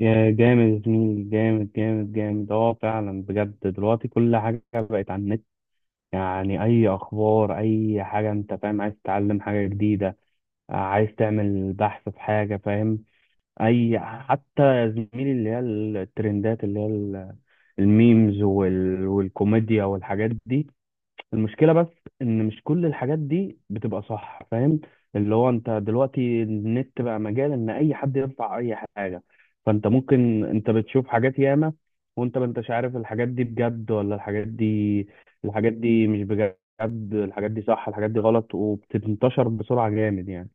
يا جامد يا زميلي، جامد جامد جامد، اه فعلا بجد. دلوقتي كل حاجة بقت على النت، يعني أي أخبار أي حاجة أنت فاهم، عايز تتعلم حاجة جديدة، عايز تعمل بحث في حاجة فاهم. أي حتى يا زميلي اللي هي الترندات اللي هي الميمز والكوميديا والحاجات دي. المشكلة بس إن مش كل الحاجات دي بتبقى صح فاهم، اللي هو أنت دلوقتي النت بقى مجال إن أي حد يرفع أي حاجة، فأنت ممكن أنت بتشوف حاجات ياما، وأنت ما أنتش عارف الحاجات دي بجد ولا الحاجات دي، الحاجات دي مش بجد، الحاجات دي صح، الحاجات دي غلط، وبتنتشر بسرعة جامد يعني.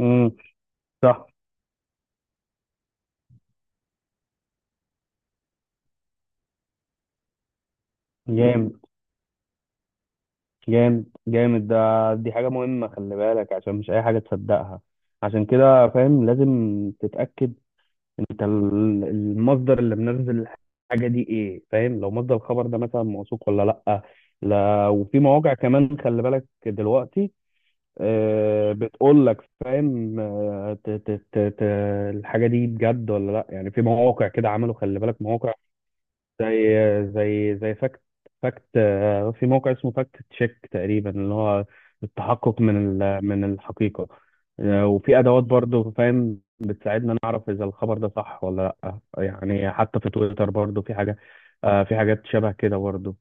امم صح. جامد جامد جامد، ده دي حاجة مهمة، خلي بالك عشان مش أي حاجة تصدقها، عشان كده فاهم لازم تتأكد انت المصدر اللي منزل الحاجه دي ايه فاهم، لو مصدر الخبر ده مثلا موثوق ولا لا. لا، وفي مواقع كمان خلي بالك دلوقتي، بتقول لك فاهم، الحاجه دي بجد ولا لا يعني، في مواقع كده عملوا، خلي بالك مواقع زي فاكت، فاكت. في موقع اسمه فاكت تشيك تقريبا، اللي هو التحقق من من الحقيقة. وفي أدوات برضو فاهم بتساعدنا نعرف إذا الخبر ده صح ولا لأ، يعني حتى في تويتر برضو في حاجة، في حاجات شبه كده برضو.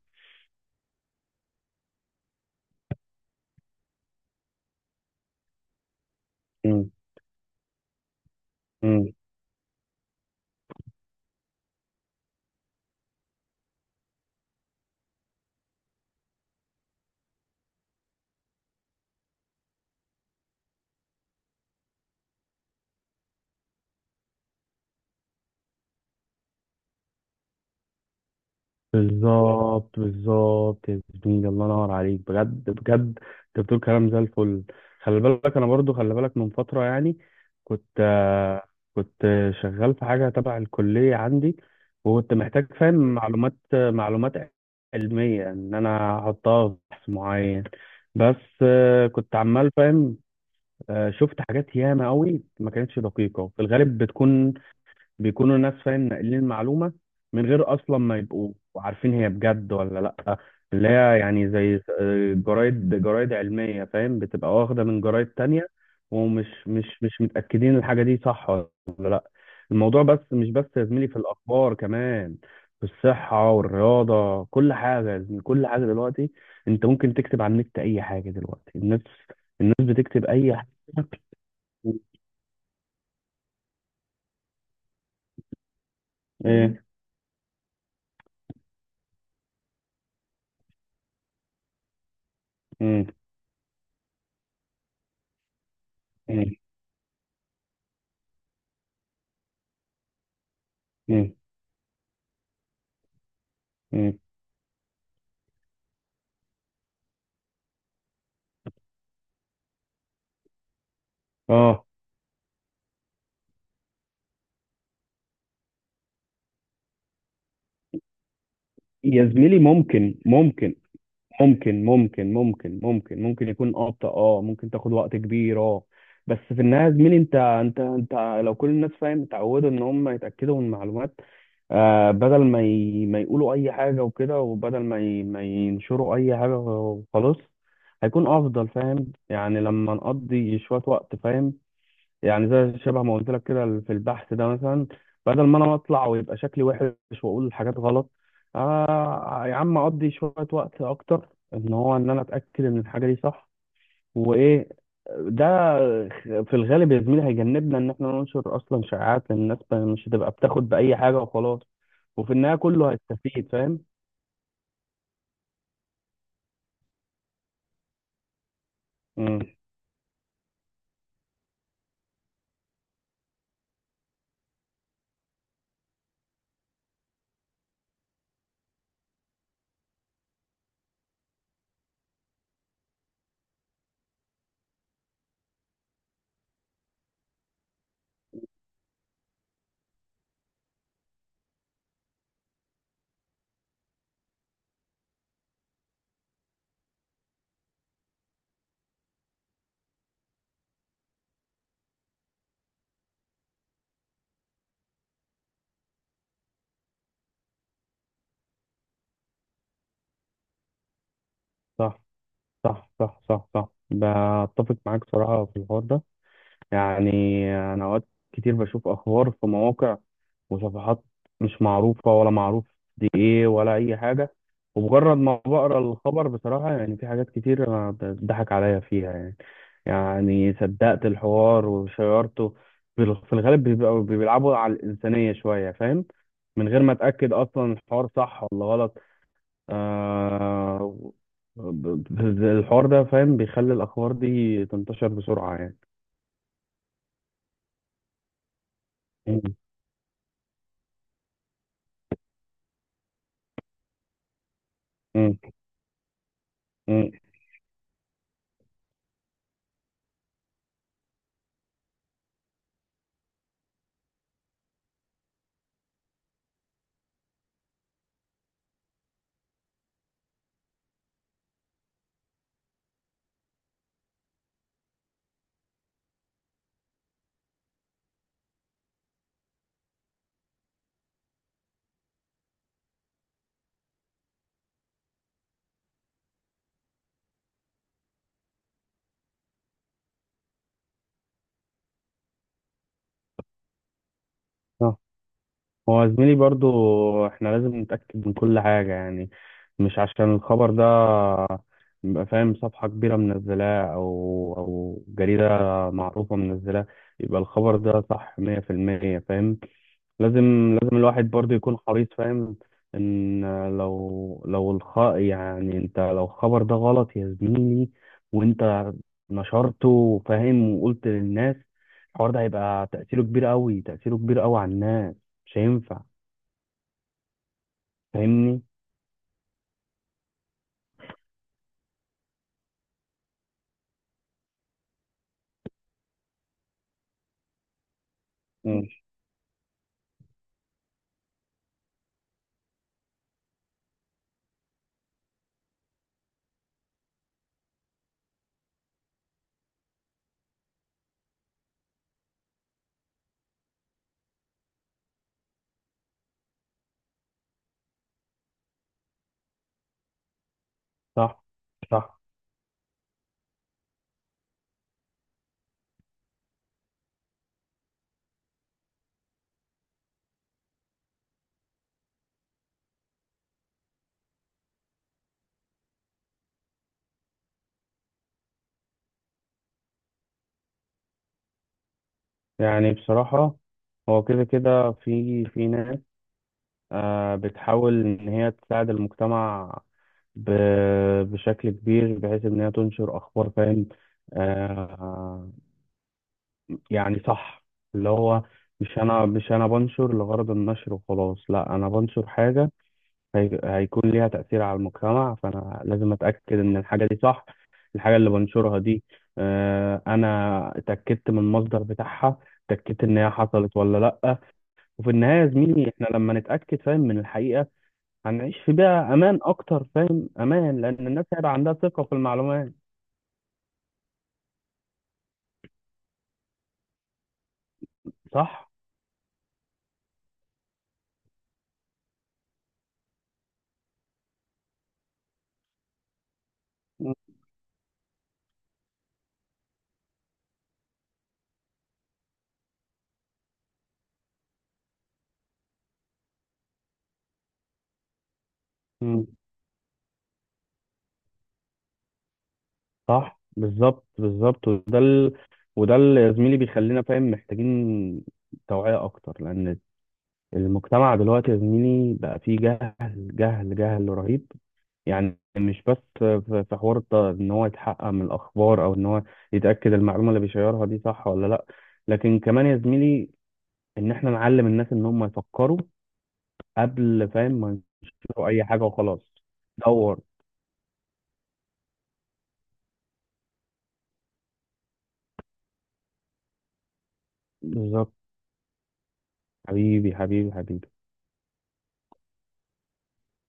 مم. بالظبط بالظبط يا زميلي، الله ينور عليك بجد بجد. انت بتقول كلام زي الفل. خلي بالك انا برضو، خلي بالك من فتره يعني كنت، كنت شغال في حاجه تبع الكليه عندي، وكنت محتاج فاهم معلومات علميه ان انا احطها في بحث معين، بس كنت عمال فاهم، شفت حاجات ياما قوي ما كانتش دقيقه، في الغالب بتكون بيكونوا الناس فاهم ناقلين المعلومة من غير أصلا ما يبقوا عارفين هي بجد ولا لأ. اللي هي يعني زي، جرايد علمية فاهم بتبقى واخدة من جرايد تانية، ومش مش مش متأكدين الحاجة دي صح ولا لأ. الموضوع بس مش بس يا زميلي في الأخبار، كمان في الصحة والرياضة، كل حاجة يا زميلي، كل حاجة دلوقتي. أنت ممكن تكتب على النت أي حاجة دلوقتي، الناس بتكتب أي حاجة. إيه. إيه. إيه. إيه. إيه. آه. يا زميلي، ممكن يكون ابطأ، اه، ممكن تاخد وقت كبير، اه. بس في النهايه يا زميلي، انت لو كل الناس فاهم اتعودوا ان هم يتاكدوا من المعلومات، آه، بدل ما يقولوا اي حاجه وكده، وبدل ما ينشروا اي حاجه وخلاص، هيكون افضل فاهم، يعني لما نقضي شويه وقت فاهم، يعني زي شبه ما قلت لك كده في البحث ده مثلا، بدل ما انا اطلع ويبقى شكلي وحش واقول حاجات غلط، آه يا عم اقضي شويه وقت اكتر ان هو ان انا اتاكد ان الحاجه دي صح. وايه ده، في الغالب يا زميلي هيجنبنا ان احنا ننشر اصلا شائعات، لأن الناس مش هتبقى بتاخد باي حاجه وخلاص، وفي النهايه كله هيستفيد فاهم. امم صح، صح صح صح صح، بتفق معاك صراحه في الحوار ده. يعني أنا أوقات كتير بشوف أخبار في مواقع وصفحات مش معروفة، ولا معروف دي إيه ولا أي حاجة، ومجرد ما بقرا الخبر بصراحة يعني في حاجات كتير أنا بتضحك عليا فيها يعني، يعني صدقت الحوار وشيرته. في الغالب بيبقوا بيلعبوا على الإنسانية شوية فاهم، من غير ما أتأكد أصلا الحوار صح ولا غلط. آه، ب- الحوار ده فاهم بيخلي الأخبار دي تنتشر بسرعة يعني. مم. مم. آه. هو زميلي برضو احنا لازم نتأكد من كل حاجة يعني، مش عشان الخبر ده يبقى فاهم صفحة كبيرة منزلاه أو أو جريدة معروفة منزلاه يبقى الخبر ده صح 100% فاهم، لازم لازم الواحد برضه يكون حريص فاهم، إن لو لو الخ يعني أنت لو الخبر ده غلط يا زميلي وأنت نشرته فاهم وقلت للناس، الحوار ده هيبقى تأثيره كبير أوي، تأثيره كبير أوي على الناس، مش هينفع فاهمني؟ مم. صح صح. يعني بصراحة هو كده كده في ناس، بتحاول إن هي تساعد المجتمع، بشكل كبير بحيث إن هي تنشر أخبار فاهم، آه، يعني صح، اللي هو مش أنا بنشر لغرض النشر وخلاص، لا أنا بنشر حاجة هي- هيكون ليها تأثير على المجتمع، فأنا لازم أتأكد إن الحاجة دي صح، الحاجة اللي بنشرها دي. أنا اتأكدت من المصدر بتاعها، اتأكدت إن هي حصلت ولا لأ. وفي النهاية يا زميلي إحنا لما نتأكد فاهم من الحقيقة، هنعيش في بيئة أمان أكتر فاهم، أمان، لأن الناس هيبقى عندها ثقة في المعلومات. صح؟ مم. صح بالظبط بالظبط، وده اللي يا زميلي بيخلينا فاهم محتاجين توعية أكتر، لأن المجتمع دلوقتي يا زميلي بقى فيه جهل جهل جهل رهيب، يعني مش بس في حوار إن هو يتحقق من الأخبار، أو إن هو يتأكد المعلومة اللي بيشيرها دي صح ولا لأ، لكن كمان يا زميلي إن إحنا نعلم الناس إن هم يفكروا قبل فاهم لو اي حاجه وخلاص. دور بالظبط. حبيبي حبيبي حبيبي.